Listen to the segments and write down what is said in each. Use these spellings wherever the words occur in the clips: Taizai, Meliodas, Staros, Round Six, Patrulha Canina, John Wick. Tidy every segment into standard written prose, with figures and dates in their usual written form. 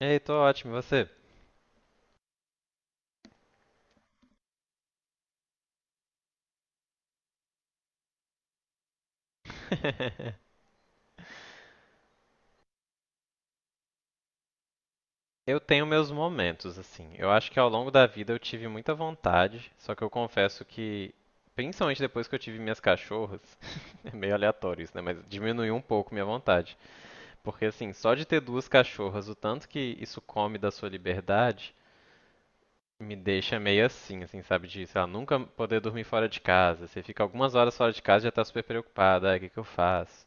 Ei, tô ótimo, e você? Eu tenho meus momentos, assim. Eu acho que ao longo da vida eu tive muita vontade, só que eu confesso que, principalmente depois que eu tive minhas cachorras, é meio aleatório isso, né? Mas diminuiu um pouco minha vontade. Porque, assim, só de ter duas cachorras, o tanto que isso come da sua liberdade, me deixa meio assim, sabe? De, sei lá, nunca poder dormir fora de casa. Você fica algumas horas fora de casa e já tá super preocupada. Ai, o que que eu faço?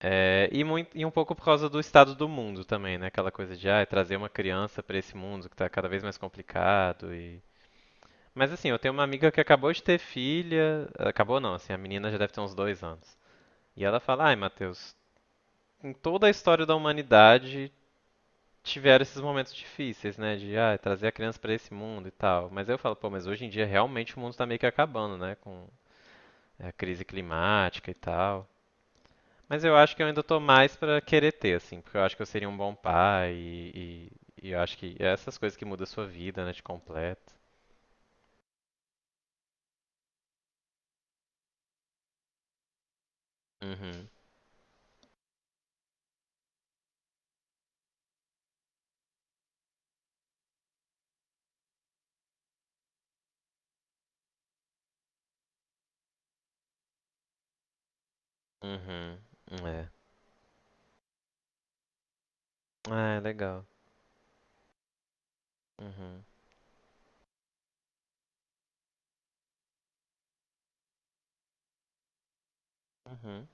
É, e, muito, e um pouco por causa do estado do mundo também, né? Aquela coisa de ah, trazer uma criança pra esse mundo que tá cada vez mais complicado e... Mas assim, eu tenho uma amiga que acabou de ter filha, acabou não, assim, a menina já deve ter uns dois anos. E ela fala, ai, Matheus, em toda a história da humanidade tiveram esses momentos difíceis, né? De ah, trazer a criança pra esse mundo e tal. Mas aí eu falo, pô, mas hoje em dia realmente o mundo tá meio que acabando, né? Com é, a crise climática e tal. Mas eu acho que eu ainda tô mais pra querer ter, assim, porque eu acho que eu seria um bom pai e, eu acho que é essas coisas que mudam a sua vida, né, te completa. Uhum, uhum, é. Ah, é legal. Uhum, uhum.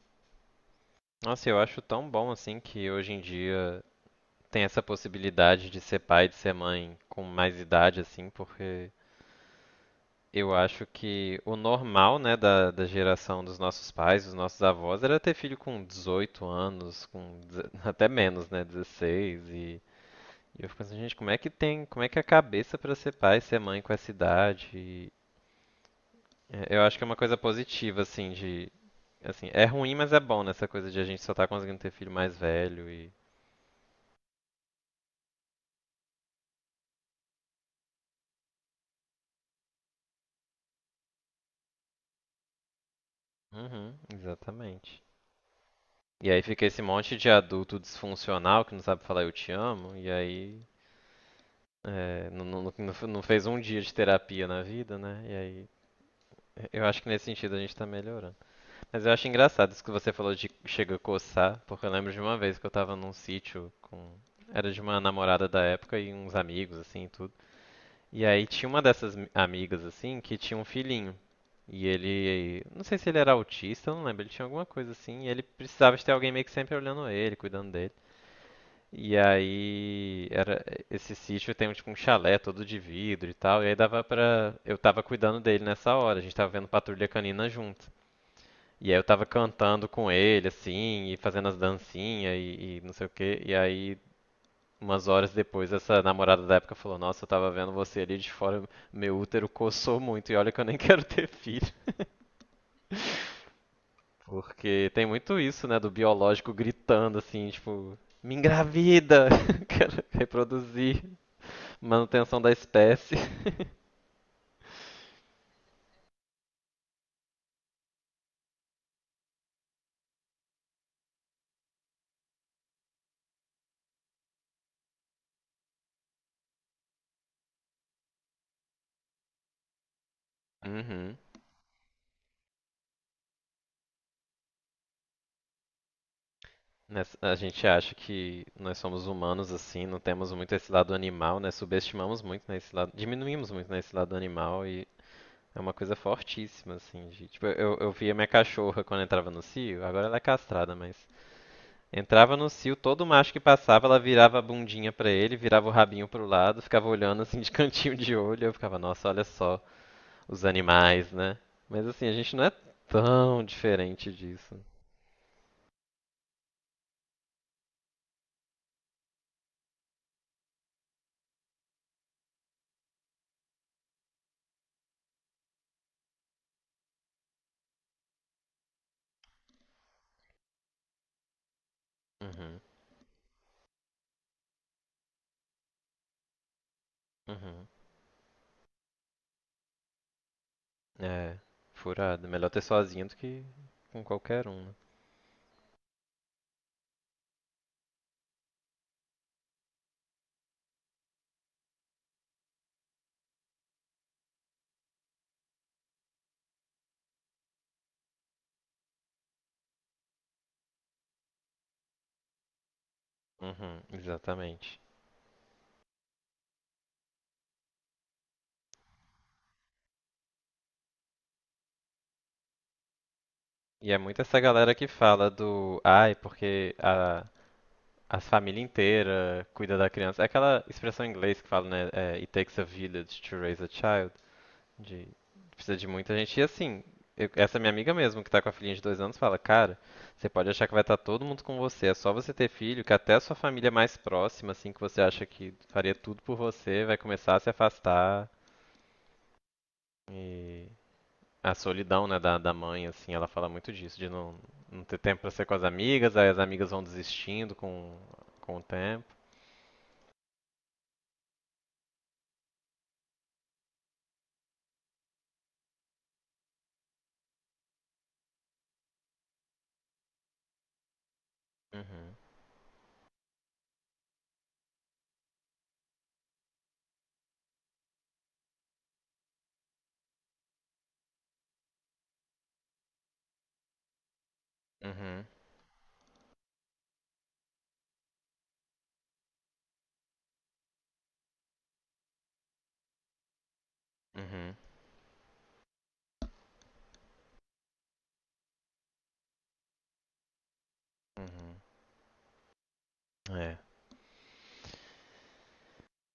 Nossa, eu acho tão bom, assim, que hoje em dia tem essa possibilidade de ser pai, de ser mãe com mais idade, assim, porque eu acho que o normal, né, da geração dos nossos pais, dos nossos avós, era ter filho com 18 anos, com até menos, né, 16 e E eu fico pensando, gente, como é que tem, como é que é a cabeça pra ser pai, ser mãe com essa idade? E, é, eu acho que é uma coisa positiva, assim, de, assim, é ruim, mas é bom nessa coisa de a gente só tá conseguindo ter filho mais velho e, uhum, exatamente. E aí fica esse monte de adulto disfuncional que não sabe falar eu te amo, e aí é, não, não, não fez um dia de terapia na vida, né? E aí eu acho que nesse sentido a gente tá melhorando. Mas eu acho engraçado isso que você falou de chega a coçar, porque eu lembro de uma vez que eu tava num sítio com. Era de uma namorada da época e uns amigos, assim, e tudo. E aí tinha uma dessas amigas, assim, que tinha um filhinho. E ele. Não sei se ele era autista, eu não lembro. Ele tinha alguma coisa assim. E ele precisava de ter alguém meio que sempre olhando ele, cuidando dele. E aí. Era, esse sítio tem um, tipo um chalé todo de vidro e tal. E aí dava pra. Eu tava cuidando dele nessa hora. A gente tava vendo Patrulha Canina junto. E aí eu tava cantando com ele, assim, e fazendo as dancinhas e não sei o quê. E aí, umas horas depois, essa namorada da época falou: Nossa, eu tava vendo você ali de fora, meu útero coçou muito, e olha que eu nem quero ter filho. Porque tem muito isso, né, do biológico gritando, assim, tipo: Me engravida! Quero reproduzir, manutenção da espécie. Uhum. A gente acha que nós somos humanos assim, não temos muito esse lado animal, né? Subestimamos muito nesse lado, diminuímos muito nesse lado animal e é uma coisa fortíssima assim, de, tipo, eu via minha cachorra quando entrava no cio, agora ela é castrada, mas entrava no cio, todo macho que passava, ela virava a bundinha pra ele, virava o rabinho pro lado, ficava olhando assim de cantinho de olho, eu ficava, nossa, olha só os animais, né? Mas assim, a gente não é tão diferente disso. Uhum, uhum. É, furado. Melhor ter sozinho do que com qualquer um, né? Uhum, exatamente. E é muito essa galera que fala do, ai, porque a, as família inteira cuida da criança. É aquela expressão em inglês que fala, né? É, It takes a village to raise a child. De, precisa de muita gente. E assim, essa minha amiga mesmo, que tá com a filhinha de dois anos, fala, cara, você pode achar que vai estar todo mundo com você. É só você ter filho, que até a sua família mais próxima, assim, que você acha que faria tudo por você, vai começar a se afastar. E a solidão, né, da mãe, assim, ela fala muito disso, de não, não ter tempo pra ser com as amigas, aí as amigas vão desistindo com o tempo. Uhum, uhum, uhum, uhum. É.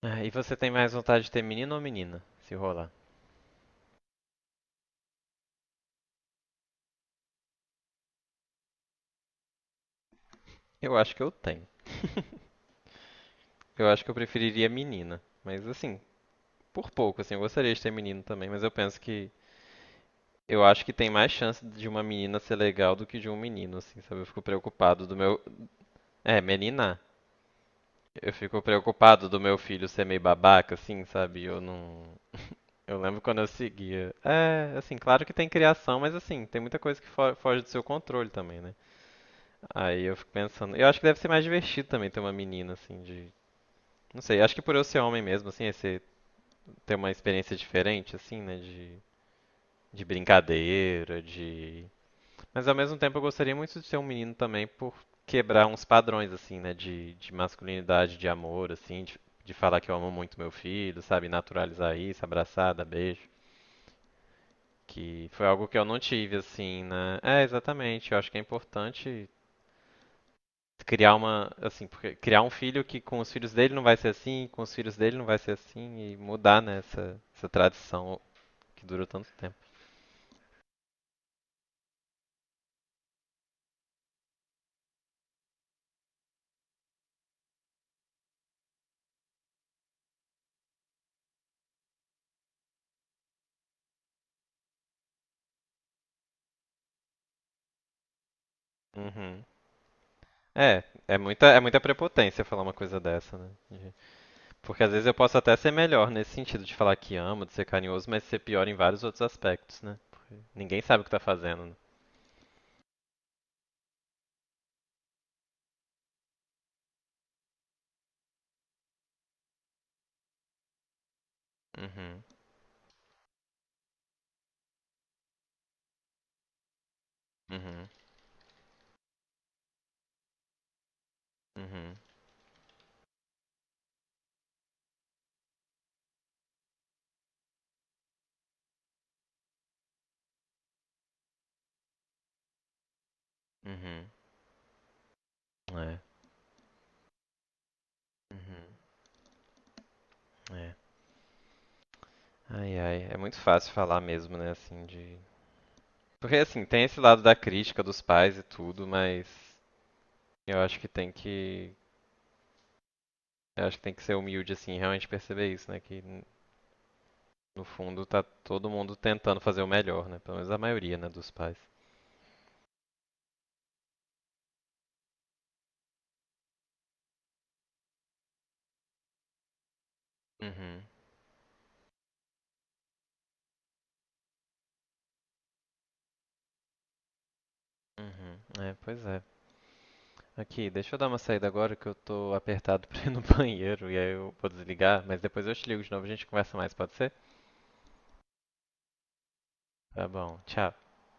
Ah, e você tem mais vontade de ter menino ou menina, se rolar? Eu acho que eu tenho. Eu acho que eu preferiria menina, mas assim, por pouco, assim, eu gostaria de ter menino também, mas eu penso que eu acho que tem mais chance de uma menina ser legal do que de um menino, assim, sabe? Eu fico preocupado do meu. É, menina. Eu fico preocupado do meu filho ser meio babaca, assim, sabe? Eu não. Eu lembro quando eu seguia. É, assim, claro que tem criação, mas assim, tem muita coisa que foge do seu controle também, né? Aí eu fico pensando. Eu acho que deve ser mais divertido também ter uma menina, assim, de. Não sei, acho que por eu ser homem mesmo, assim, é ser... ter uma experiência diferente, assim, né? De. De brincadeira, de. Mas ao mesmo tempo eu gostaria muito de ser um menino também por quebrar uns padrões, assim, né? De masculinidade, de amor, assim, de falar que eu amo muito meu filho, sabe? Naturalizar isso, abraçar, dar beijo. Que foi algo que eu não tive, assim, né? É, exatamente. Eu acho que é importante criar uma, assim, porque criar um filho que com os filhos dele não vai ser assim, com os filhos dele não vai ser assim, e mudar, né, essa tradição que durou tanto tempo. Uhum. É, é muita prepotência falar uma coisa dessa, né? Porque às vezes eu posso até ser melhor nesse sentido de falar que amo, de ser carinhoso, mas ser pior em vários outros aspectos, né? Porque ninguém sabe o que tá fazendo, né? Uhum, uhum, uhum, uhum. É, uhum, é. Ai, ai, é muito fácil falar mesmo, né? Assim, de. Porque assim, tem esse lado da crítica dos pais e tudo, mas eu acho que tem que. Eu acho que tem que ser humilde, assim, e realmente perceber isso, né? Que no fundo tá todo mundo tentando fazer o melhor, né? Pelo menos a maioria, né, dos pais. Uhum, uhum. É, pois é. Aqui, deixa eu dar uma saída agora que eu tô apertado pra ir no banheiro e aí eu vou desligar, mas depois eu te ligo de novo, a gente conversa mais, pode ser? Tá bom, tchau.